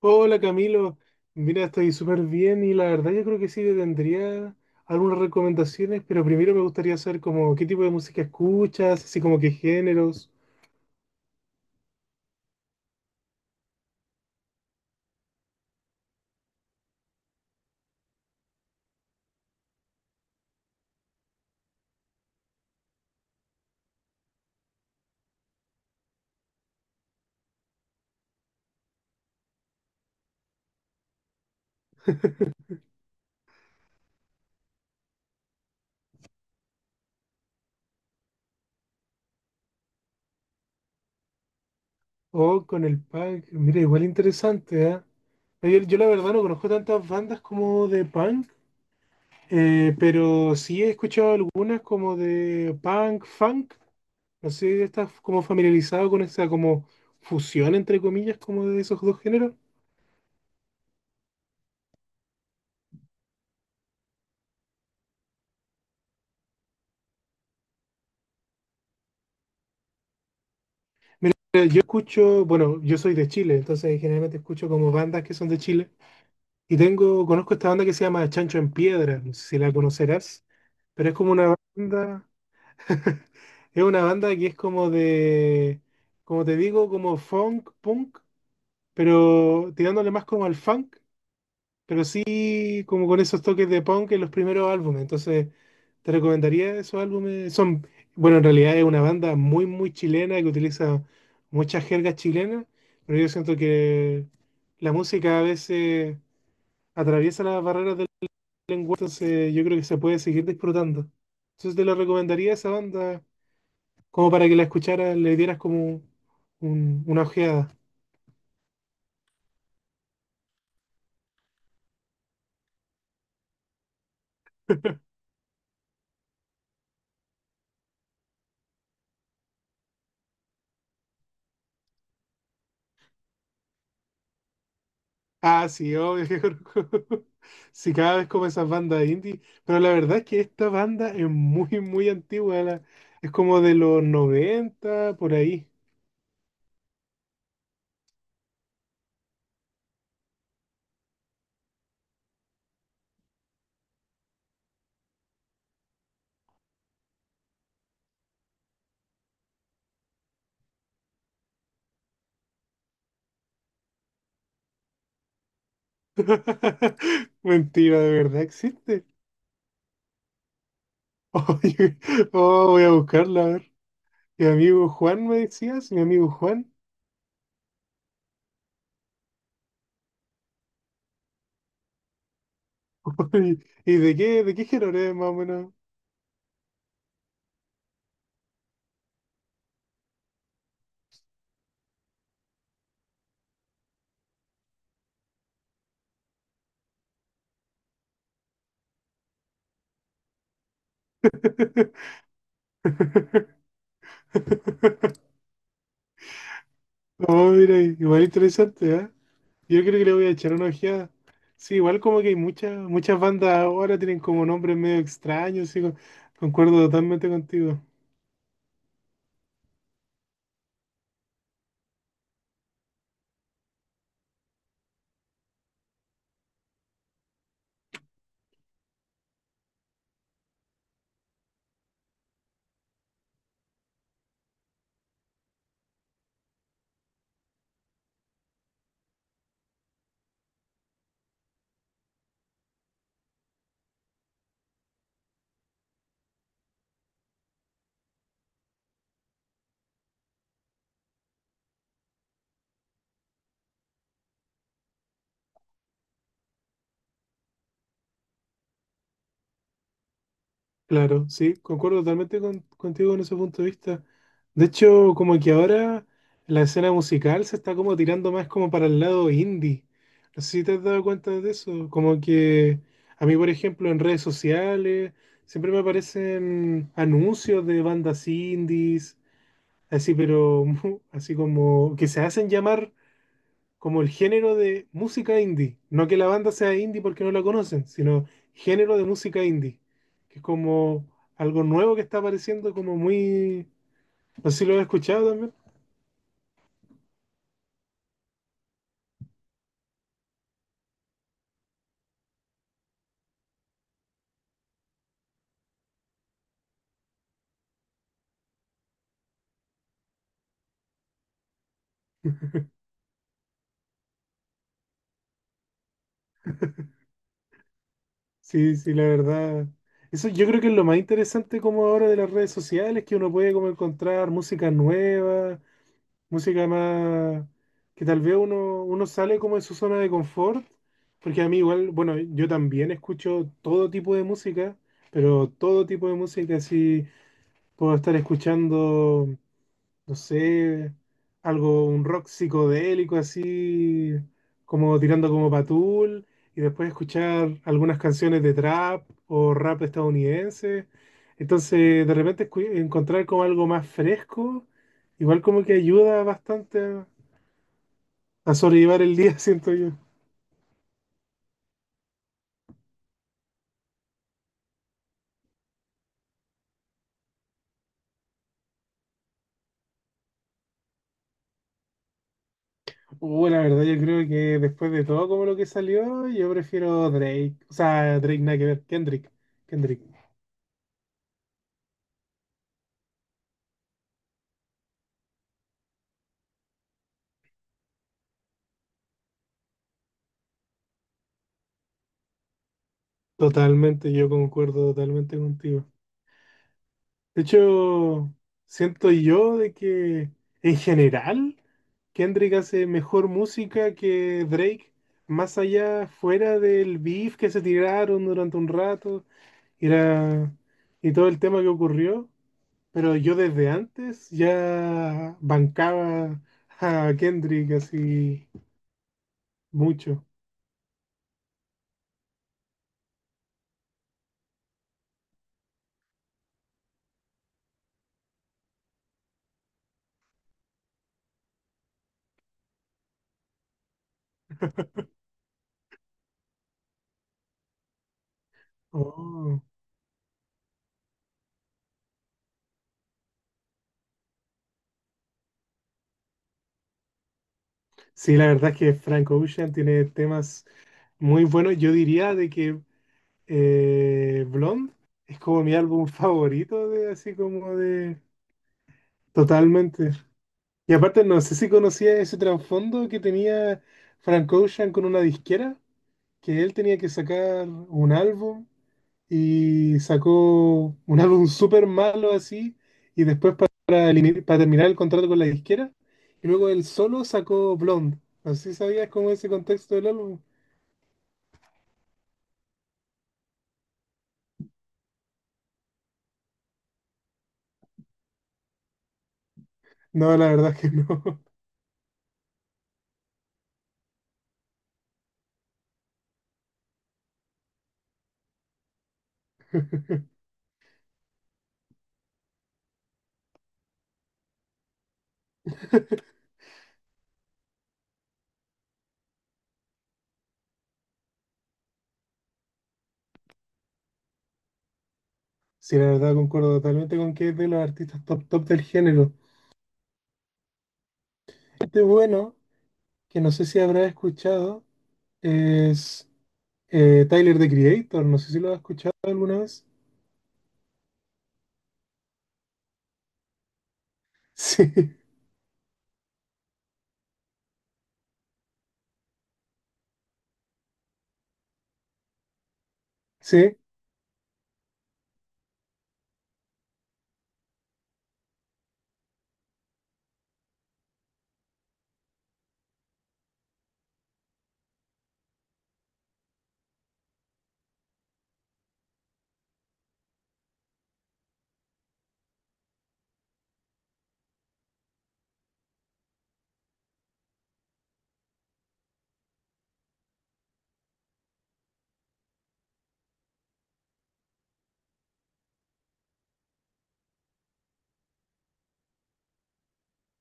Hola Camilo, mira, estoy súper bien y la verdad yo creo que sí te tendría algunas recomendaciones, pero primero me gustaría saber como qué tipo de música escuchas, así como qué géneros. O con el punk, mira, igual interesante, ¿ah? Yo la verdad no conozco tantas bandas como de punk, pero sí he escuchado algunas como de punk, funk, no sé, estás como familiarizado con esa como fusión entre comillas como de esos dos géneros. Mira, yo escucho, bueno, yo soy de Chile, entonces generalmente escucho como bandas que son de Chile. Y tengo, conozco esta banda que se llama Chancho en Piedra, no sé si la conocerás, pero es como una banda, es una banda que es como de, como te digo, como funk, punk, pero tirándole más como al funk. Pero sí, como con esos toques de punk en los primeros álbumes. Entonces, te recomendaría esos álbumes. Son, bueno, en realidad es una banda muy, muy chilena que utiliza muchas jergas chilenas, pero yo siento que la música a veces atraviesa las barreras del lenguaje, entonces yo creo que se puede seguir disfrutando. Entonces, te lo recomendaría esa banda como para que la escucharas, le dieras como una ojeada. Ah, sí, obvio que conozco. Sí, cada vez como esas bandas indie. Pero la verdad es que esta banda es muy, muy antigua. Es como de los noventa por ahí. Mentira, de verdad existe. Oye, oh, voy a buscarla, a ver. Mi amigo Juan me decías, mi amigo Juan. Oye, ¿y de qué género es más o menos? Oh, mira, igual interesante, ¿ah? Yo creo que le voy a echar una ojeada. Sí, igual como que hay muchas, muchas bandas ahora tienen como nombres medio extraños, sí, concuerdo totalmente contigo. Claro, sí, concuerdo totalmente contigo en ese punto de vista. De hecho, como que ahora la escena musical se está como tirando más como para el lado indie. No sé si te has dado cuenta de eso. Como que a mí, por ejemplo, en redes sociales siempre me aparecen anuncios de bandas indies. Así, pero así como que se hacen llamar como el género de música indie. No que la banda sea indie porque no la conocen, sino género de música indie. Que es como algo nuevo que está apareciendo, como muy. No sé si lo has escuchado también. Sí, sí, la verdad. Eso yo creo que es lo más interesante como ahora de las redes sociales, que uno puede como encontrar música nueva, música más que tal vez uno sale como de su zona de confort, porque a mí igual, bueno, yo también escucho todo tipo de música, pero todo tipo de música, así puedo estar escuchando, no sé, algo, un rock psicodélico así, como tirando como patul, y después escuchar algunas canciones de trap o rap estadounidense. Entonces, de repente encontrar como algo más fresco, igual como que ayuda bastante a sobrellevar el día, siento yo. La verdad, yo creo que después de todo como lo que salió, yo prefiero Drake. O sea, Drake nada que ver, Kendrick. Kendrick. Totalmente, yo concuerdo totalmente contigo. De hecho, siento yo de que en general Kendrick hace mejor música que Drake, más allá fuera del beef que se tiraron durante un rato y, y todo el tema que ocurrió, pero yo desde antes ya bancaba a Kendrick así mucho. Oh. Sí, la verdad es que Frank Ocean tiene temas muy buenos, yo diría de que, Blonde es como mi álbum favorito de así como de totalmente. Y aparte no sé si conocía ese trasfondo que tenía Frank Ocean con una disquera, que él tenía que sacar un álbum y sacó un álbum súper malo así y después para, para terminar el contrato con la disquera y luego él solo sacó Blonde. No sé si sabías cómo es ese contexto del álbum. No, la verdad es que no. Sí, la verdad concuerdo totalmente con que es de los artistas top top del género. Este bueno, que no sé si habrás escuchado, es Tyler, The Creator. No sé si lo has escuchado alguna vez. Sí, sí.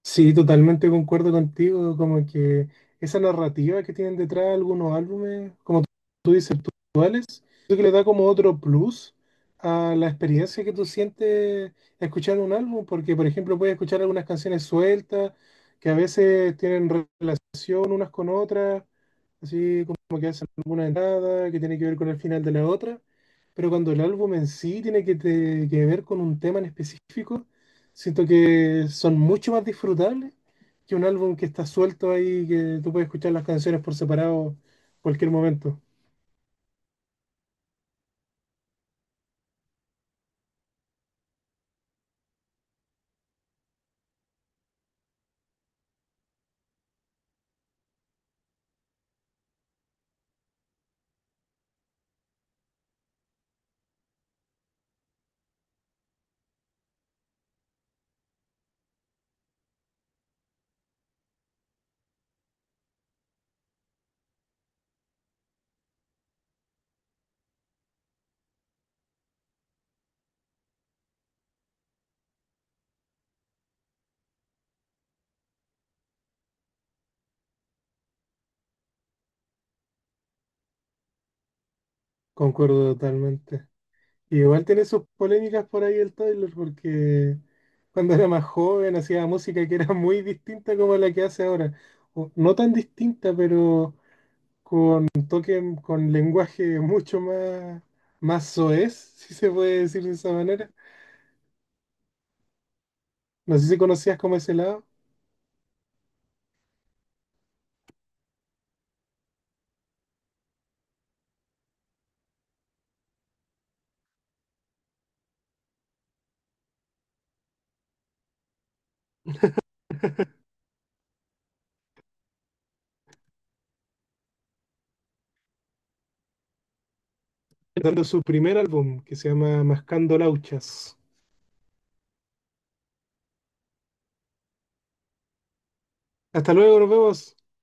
Sí, totalmente concuerdo contigo, como que esa narrativa que tienen detrás algunos álbumes, como tú dices, actuales, creo que le da como otro plus a la experiencia que tú sientes escuchando un álbum, porque por ejemplo puedes escuchar algunas canciones sueltas que a veces tienen relación unas con otras, así como que hacen alguna entrada que tiene que ver con el final de la otra, pero cuando el álbum en sí tiene que, que ver con un tema en específico, siento que son mucho más disfrutables que un álbum que está suelto ahí, que tú puedes escuchar las canciones por separado cualquier momento. Concuerdo totalmente. Y igual tiene sus polémicas por ahí el Tyler, porque cuando era más joven hacía música que era muy distinta como la que hace ahora. O no tan distinta, pero con toque, con lenguaje mucho más, más soez, si se puede decir de esa manera. No sé si conocías como ese lado, dando su primer álbum que se llama Mascando Lauchas. Hasta luego, nos vemos.